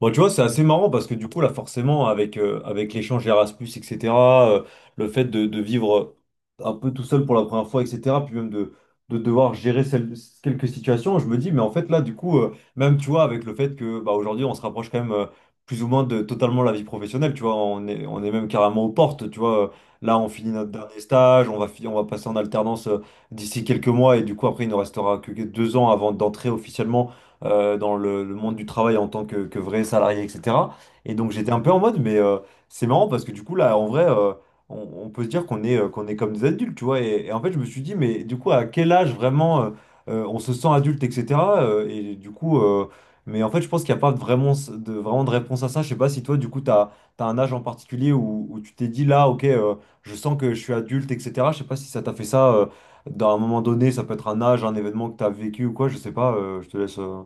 Bon, tu vois, c'est assez marrant parce que du coup, là, forcément, avec l'échange Erasmus, etc., euh, le fait de vivre un peu tout seul pour la première fois, etc., puis même de devoir gérer quelques situations, je me dis, mais en fait, là, du coup, même, tu vois, avec le fait que, bah, aujourd'hui, on se rapproche quand même plus ou moins de totalement la vie professionnelle, tu vois, on est même carrément aux portes, tu vois, là, on finit notre dernier stage, on va passer en alternance d'ici quelques mois, et du coup, après, il ne restera que 2 ans avant d'entrer officiellement dans le monde du travail en tant que vrai salarié, etc. Et donc j'étais un peu en mode, mais c'est marrant parce que du coup, là, en vrai, on peut se dire qu'on est comme des adultes, tu vois. Et en fait, je me suis dit, mais du coup, à quel âge vraiment on se sent adulte, etc. Et du coup, mais en fait, je pense qu'il n'y a pas vraiment de réponse à ça. Je sais pas si toi, du coup, tu as, un âge en particulier où tu t'es dit, là, ok, je sens que je suis adulte, etc. Je sais pas si ça t'a fait ça. Dans un moment donné, ça peut être un âge, un événement que tu as vécu ou quoi, je sais pas, je te laisse.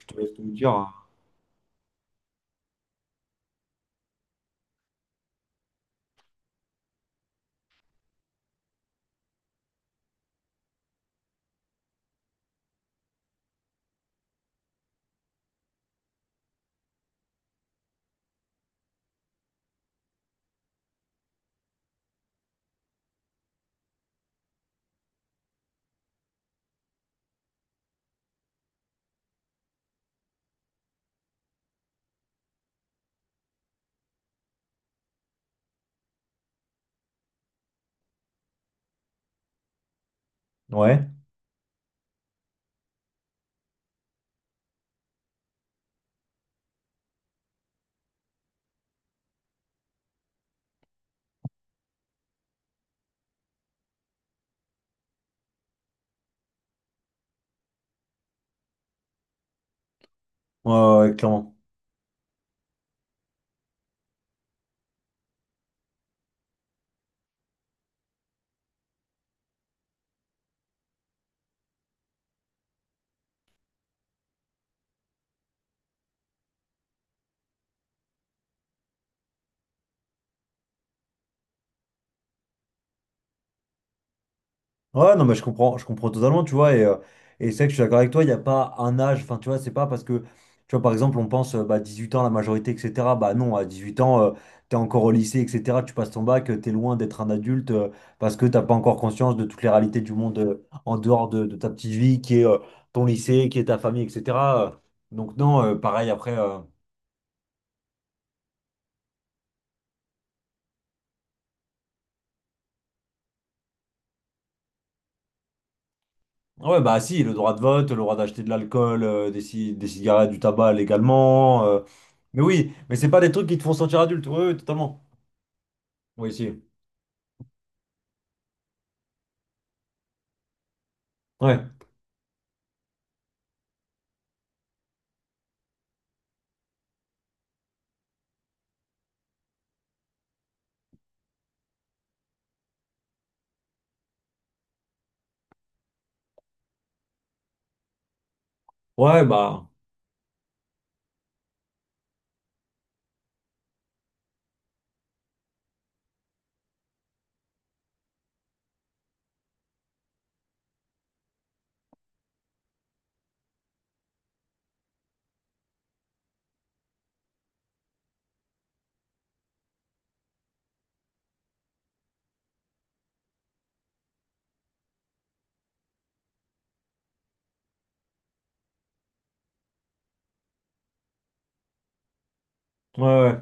Je te laisse tout me dire. Ouais, ouais, ouais, ouais, clairement. Ouais, non, mais je comprends totalement, tu vois, et c'est vrai que je suis d'accord avec toi, il n'y a pas un âge, enfin, tu vois, c'est pas parce que, tu vois, par exemple, on pense, bah, 18 ans, la majorité, etc., bah non, à 18 ans, t'es encore au lycée, etc., tu passes ton bac, t'es loin d'être un adulte, parce que t'as pas encore conscience de toutes les réalités du monde en dehors de ta petite vie, qui est ton lycée, qui est ta famille, etc. Euh, Donc non, pareil, après. Ah, ouais, bah si, le droit de vote, le droit d'acheter de l'alcool, des cigarettes, du tabac légalement. Mais oui, mais c'est pas des trucs qui te font sentir adulte. Oui, oui, totalement. Oui, si. Ouais. Ouais, bah. Ouais, ouais.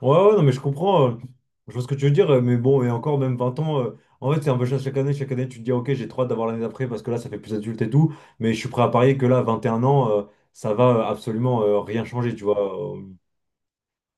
Ouais, ouais, non, mais je comprends. Je vois ce que tu veux dire, mais bon, et encore, même 20 ans. En fait, c'est un peu ça chaque année. Chaque année, tu te dis, ok, j'ai trop hâte d'avoir l'année d'après parce que là, ça fait plus adulte et tout. Mais je suis prêt à parier que là, 21 ans, ça va absolument rien changer, tu vois. euh,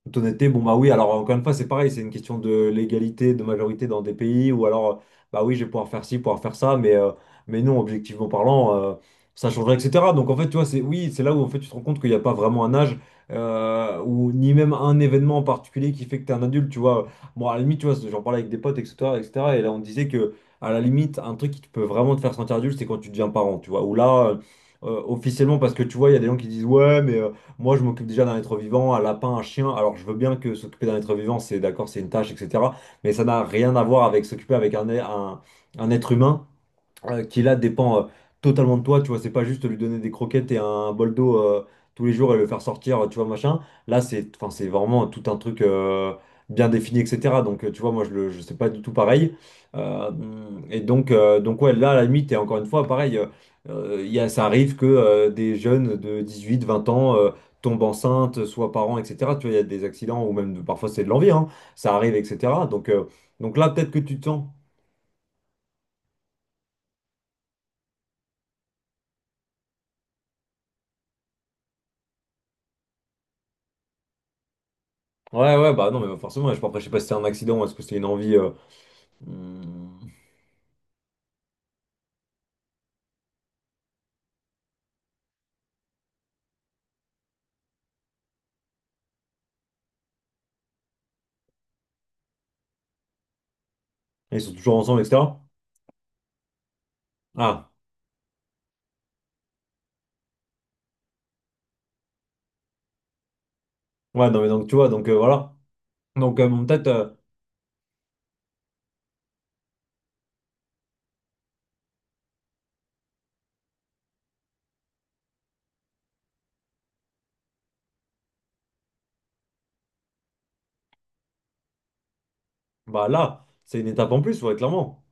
toute honnêteté, bon bah oui, alors encore une fois, c'est pareil, c'est une question de l'égalité, de majorité dans des pays, ou alors, bah oui, je vais pouvoir faire ci, pouvoir faire ça, mais non, objectivement parlant, ça changerait, etc. Donc en fait, tu vois, c'est oui, c'est là où en fait tu te rends compte qu'il n'y a pas vraiment un âge, ou ni même un événement en particulier qui fait que tu es un adulte, tu vois. Bon, à la limite, tu vois, j'en parlais avec des potes, etc., etc., et cetera, et là on disait que, à la limite, un truc qui te peut vraiment te faire sentir adulte, c'est quand tu deviens parent, tu vois, ou là, officiellement, parce que tu vois, il y a des gens qui disent, ouais, mais... moi, je m'occupe déjà d'un être vivant, un lapin, un chien. Alors, je veux bien que s'occuper d'un être vivant, c'est d'accord, c'est une tâche, etc. Mais ça n'a rien à voir avec s'occuper avec un, être humain qui là dépend totalement de toi, tu vois, c'est pas juste lui donner des croquettes et un bol d'eau tous les jours et le faire sortir, tu vois, machin. Là, c'est, enfin, c'est vraiment tout un truc bien défini, etc. Donc, tu vois, moi, je sais pas du tout pareil. Euh, et donc, ouais, là, à la limite, et encore une fois, pareil, il y a, ça arrive que des jeunes de 18, 20 ans tombent enceintes, soient parents, etc. Tu vois, il y a des accidents, ou même parfois c'est de l'envie, hein, ça arrive, etc. Donc là, peut-être que tu te sens. Ouais, ouais, bah non, mais forcément, après, je sais pas si c'était un accident ou est-ce que c'était une envie. Hmm, Ils sont toujours ensemble, etc. Ah, ouais, non, mais donc tu vois, donc voilà. Donc, bon, peut-être, bah là, c'est une étape en plus, ouais, clairement,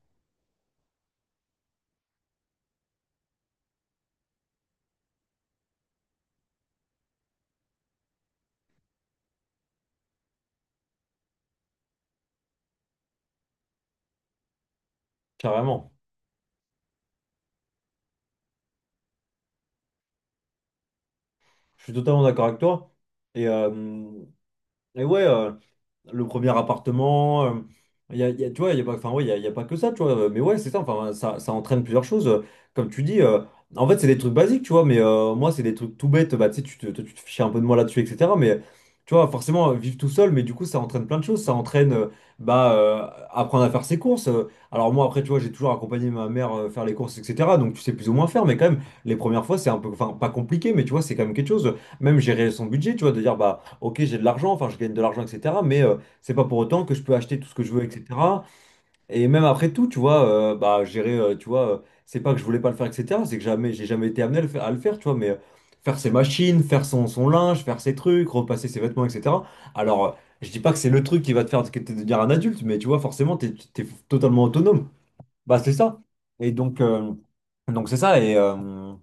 carrément. Je suis totalement d'accord avec toi. Et, euh, et ouais, le premier appartement. Tu vois, il y a pas, enfin, ouais, il y a pas que ça, tu vois. Mais ouais, c'est ça, enfin, ça entraîne plusieurs choses. Comme tu dis, en fait, c'est des trucs basiques, tu vois, mais moi, c'est des trucs tout bêtes. Bah, tu sais, toi, tu te fichais un peu de moi là-dessus, etc. Mais tu vois, forcément, vivre tout seul, mais du coup, ça entraîne plein de choses. Ça entraîne, bah, apprendre à faire ses courses. Alors, moi, après, tu vois, j'ai toujours accompagné ma mère faire les courses, etc. Donc, tu sais plus ou moins faire, mais quand même, les premières fois, c'est un peu, enfin, pas compliqué, mais tu vois, c'est quand même quelque chose. Même gérer son budget, tu vois, de dire, bah, ok, j'ai de l'argent, enfin, je gagne de l'argent, etc. Mais. C'est pas pour autant que je peux acheter tout ce que je veux, etc. Et même après tout, tu vois, bah, gérer, tu vois, c'est pas que je voulais pas le faire, etc. C'est que jamais, j'ai jamais été amené à le faire, tu vois, mais faire ses machines, faire son linge, faire ses trucs, repasser ses vêtements, etc. Alors, je dis pas que c'est le truc qui va te faire te devenir un adulte, mais tu vois, forcément, t'es totalement autonome. Bah, c'est ça. Et donc c'est ça.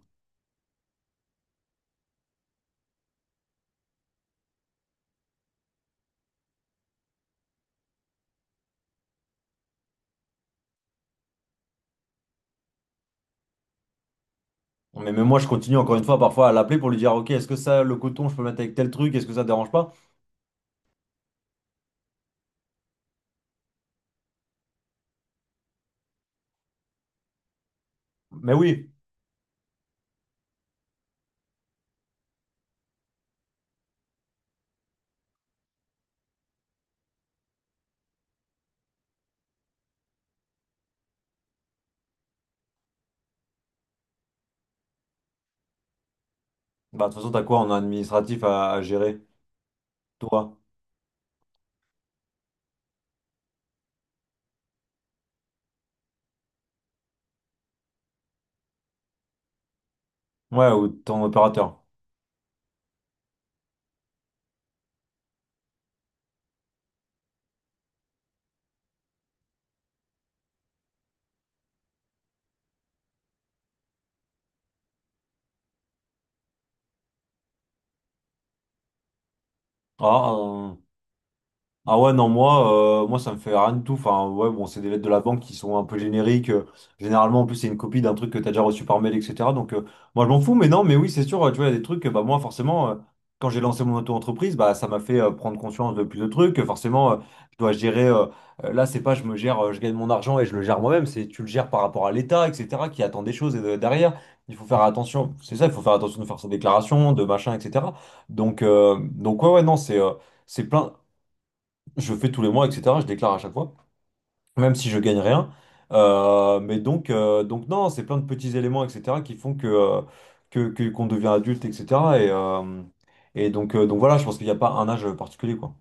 Mais même moi, je continue encore une fois parfois à l'appeler pour lui dire, OK, est-ce que ça, le coton, je peux le mettre avec tel truc, est-ce que ça te dérange pas? Mais oui. Bah, de toute façon, t'as quoi en administratif à gérer? Toi? Ouais, ou ton opérateur? Ah, euh, Ah ouais, non, moi, moi ça me fait rien du tout. Enfin, ouais, bon, c'est des lettres de la banque qui sont un peu génériques. Généralement, en plus, c'est une copie d'un truc que t'as déjà reçu par mail, etc. Donc, moi, je m'en fous, mais non, mais oui, c'est sûr, tu vois, il y a des trucs, que, bah, moi, forcément, quand j'ai lancé mon auto-entreprise, bah, ça m'a fait prendre conscience de plus de trucs. Forcément, je dois gérer. Là, c'est pas je me gère, je gagne mon argent et je le gère moi-même, c'est tu le gères par rapport à l'État, etc., qui attend des choses et derrière. Il faut faire attention, c'est ça, il faut faire attention de faire sa déclaration, de machin, etc. Donc ouais, ouais, non, c'est plein je fais tous les mois, etc. Je déclare à chaque fois, même si je gagne rien. Mais donc non, c'est plein de petits éléments, etc., qui font qu'on devient adulte, etc. Et, euh, et donc voilà, je pense qu'il n'y a pas un âge particulier, quoi.